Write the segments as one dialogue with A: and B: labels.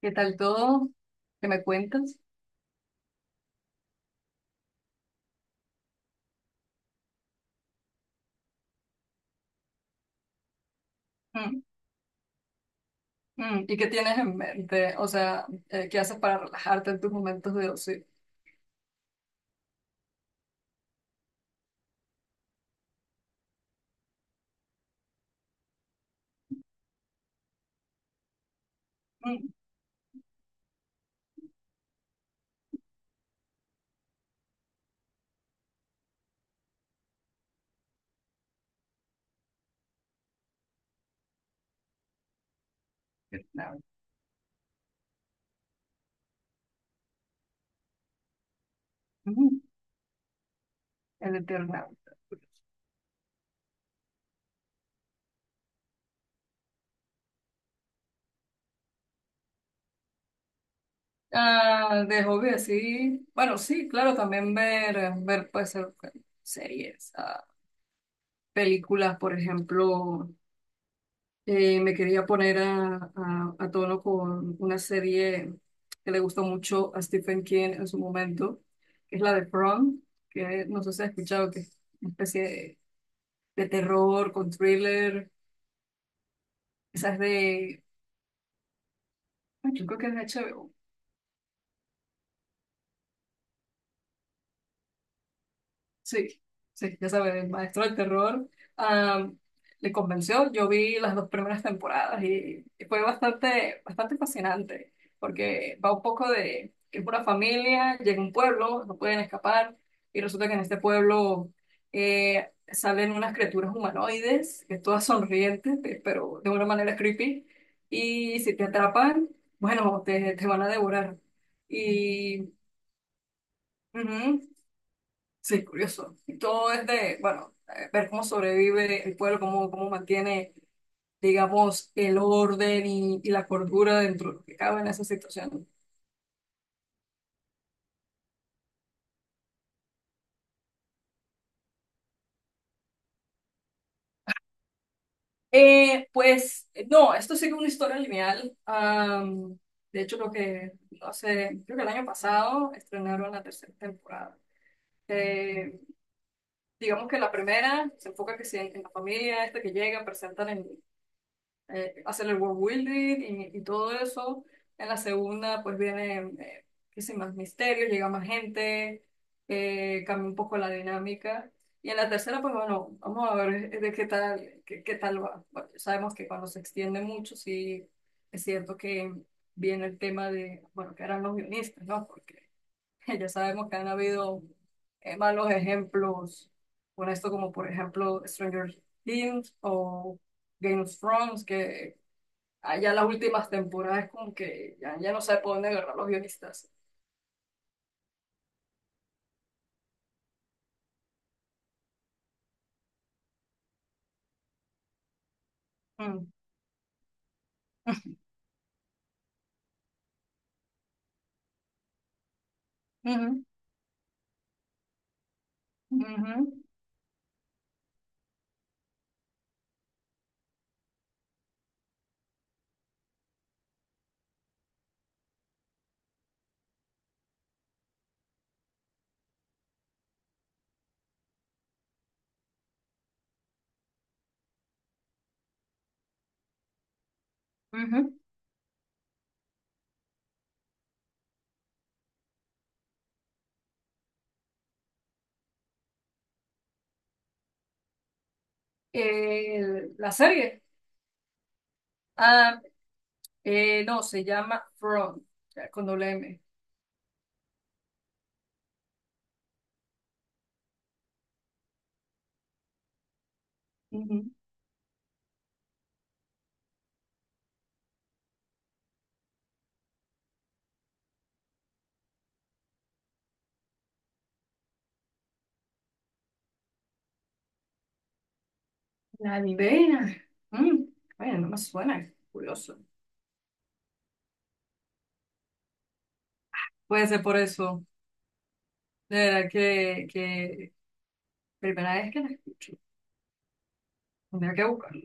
A: ¿Qué tal todo? ¿Qué me cuentas? Mm, mm. ¿Y qué tienes en mente? O sea, ¿qué haces para relajarte en tus momentos de ocio? Mm. Eternauta. Mm, El Eternauta. Ah, de hobby, así. Bueno, sí, claro, también ver, puede ser bueno, series, ah, películas, por ejemplo. Me quería poner a tono con una serie que le gustó mucho a Stephen King en su momento, que es la de From, que no sé si has escuchado, que es una especie de terror con thriller. Esa es de, ay, yo creo que es de HBO. Sí, sí, ya sabes, el maestro del terror, am, le convenció. Yo vi las dos primeras temporadas y fue bastante, bastante fascinante, porque va un poco de que es una familia, llega a un pueblo, no pueden escapar, y resulta que en este pueblo salen unas criaturas humanoides, que todas sonrientes, pero de una manera creepy, y si te atrapan, bueno, te van a devorar. Y ujú. Sí, curioso. Y todo es de, bueno, ver cómo sobrevive el pueblo, cómo, cómo mantiene, digamos, el orden y la cordura dentro de lo que cabe en esa situación. No, esto sigue una historia lineal. De hecho, lo que, no sé, creo que el año pasado estrenaron la tercera temporada. Eh, digamos que la primera se enfoca que sí en la familia esta que llega, presentan el, hacer el world building y todo eso. En la segunda, pues vienen qué sé, más misterios, llega más gente, cambia un poco la dinámica. Y en la tercera, pues bueno, vamos a ver de qué tal, qué, qué tal va. Bueno, sabemos que cuando se extiende mucho, sí es cierto que viene el tema de, bueno, que eran los guionistas, ¿no? Porque ya sabemos que han habido malos ejemplos con esto, como por ejemplo Stranger Things o Game of Thrones, que allá las últimas temporadas como que ya, ya no sabe por dónde agarrar los guionistas. Mm. Ujú, ujú, ujú. La serie, ah, no, se llama From, ya, con doble M. Ujú. La ni idea. Mm, bueno, no me suena, curioso. Puede ser por eso. De verdad que primera vez que la escucho. Tendría que buscarlo.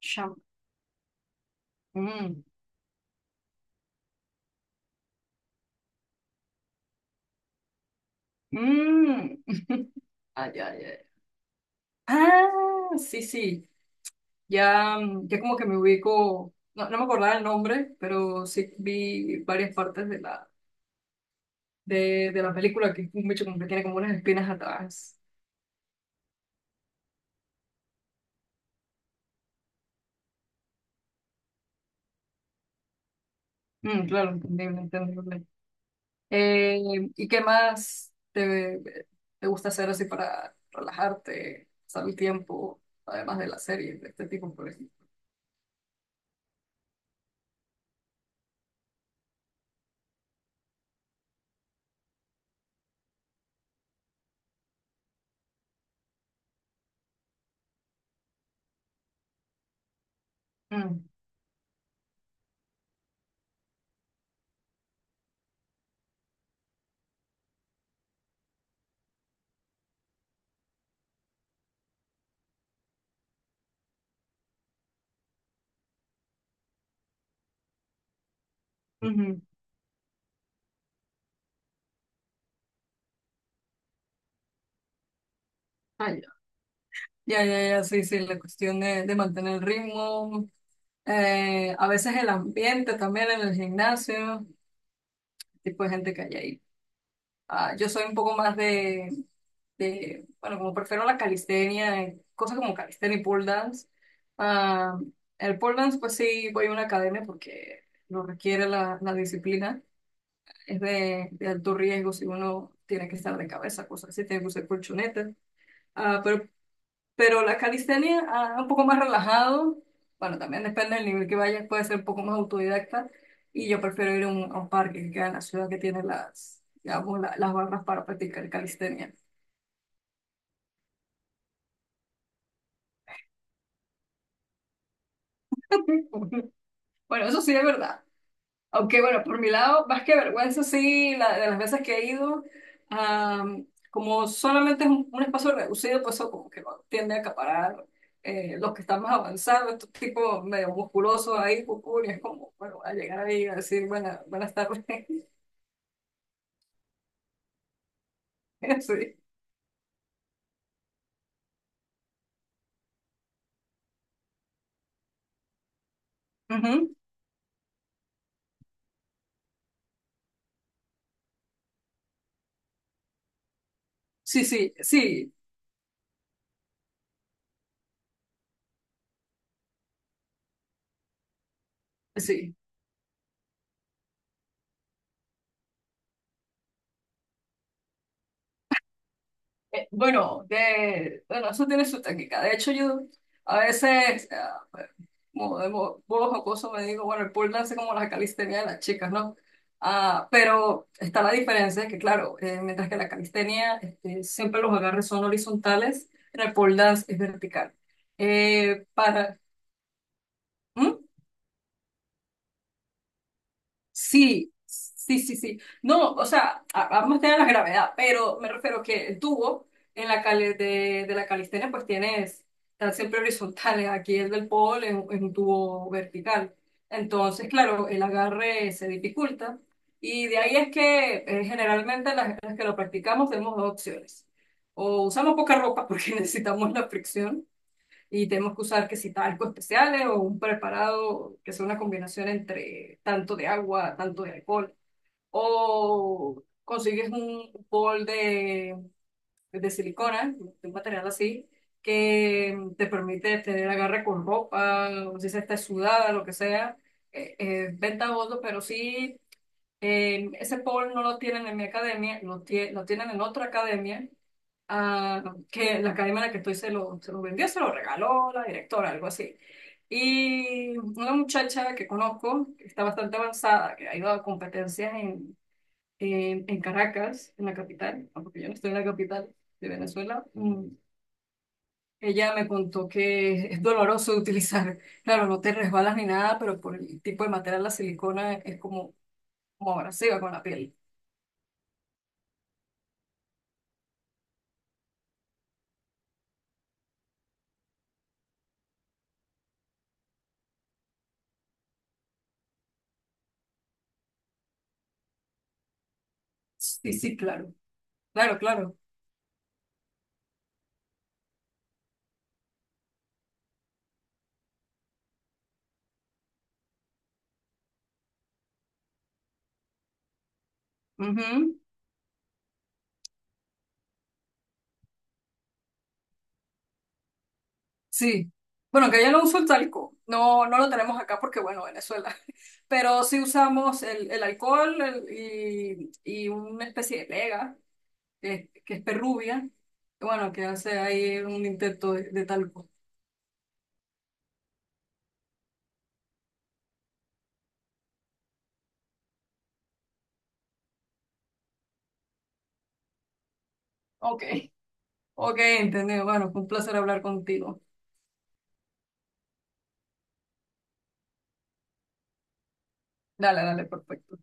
A: Cham- mm. Mm. Ay, ay, ay. Ah, sí, sí. Ya, mm, ya como que me ubico. No, no me acordaba el nombre, pero sí vi varias partes de la película que es un bicho como que tiene como unas espinas atrás. Mm, claro, entendible, entendible. ¿Y qué más te, te gusta hacer así para relajarte, pasar el tiempo, además de la serie de este tipo, por ejemplo? Mm. Ujú. Ah, ya. Ya, ya, ya, sí, sí, la cuestión de mantener el ritmo, a veces el ambiente también en el gimnasio, tipo de gente que hay ahí. Ah, yo soy un poco más de, bueno, como prefiero la calistenia, cosas como calistenia y pole dance. Ah, el pole dance, pues sí, voy a una academia porque lo requiere la, la disciplina, es de alto riesgo si uno tiene que estar de cabeza, cosas así, tiene que usar colchonetas. ah pero Pero la calistenia, ah, un poco más relajado, bueno, también depende del nivel que vayas, puede ser un poco más autodidacta, y yo prefiero ir a un parque que queda en la ciudad que tiene las, digamos, las barras para practicar calistenia. Bueno, eso sí es verdad. Aunque bueno, por mi lado, más que vergüenza, sí, de las veces que he ido, como solamente es un espacio reducido, pues eso como que no tiende a acaparar los que están más avanzados, estos tipos medio musculosos ahí, cucú, y es como, bueno, a llegar ahí a decir, bueno, buenas tardes. Sí. Ujú. Sí, sí, sí, sí. Bueno, de, bueno, eso tiene su técnica. De hecho, yo a veces, ah, como de modo jocoso, me digo, bueno, el pole dance es como la calistenia de las chicas, ¿no? Ah, pero está la diferencia, que claro, mientras que la calistenia este, siempre los agarres son horizontales, en el pole dance es vertical. Eh, para, ¿Mm? Sí, sí, sí, sí. No, o sea, a- vamos a tener la gravedad, pero me refiero que el tubo en la de la calistenia pues tienes, están siempre horizontales. Aquí el del pole es un tubo vertical. Entonces, claro, el agarre se dificulta y de ahí es que generalmente las que lo practicamos tenemos dos opciones. O usamos poca ropa porque necesitamos la fricción y tenemos que usar que si talcos especiales o un preparado que sea una combinación entre tanto de agua, tanto de alcohol. O consigues un bol de silicona, de un material así, que te permite tener agarre con ropa, o si se está sudada, lo que sea. Eh, eh, bondos, pero sí, ese bol no lo tienen en mi academia, lo, lo tienen en otra academia, ah, que la academia en la que estoy se lo vendió, se lo regaló la directora, algo así. Y una muchacha que conozco, que está bastante avanzada, que ha ido a competencias en Caracas, en la capital, porque yo no estoy en la capital de Venezuela, mm, ella me contó que es doloroso de utilizar, claro, no te resbalas ni nada, pero por el tipo de material, la silicona es como, como abrasiva con la piel. Sí, sí, claro, claro, claro. Ujú. Sí. Bueno, que ya no uso el talco. No, no lo tenemos acá porque, bueno, Venezuela. Pero sí usamos el alcohol y una especie de pega, que es perrubia. Bueno, que hace ahí un intento de talco. Ok. Ok, entendido. Bueno, fue un placer hablar contigo. Dale, dale, perfecto.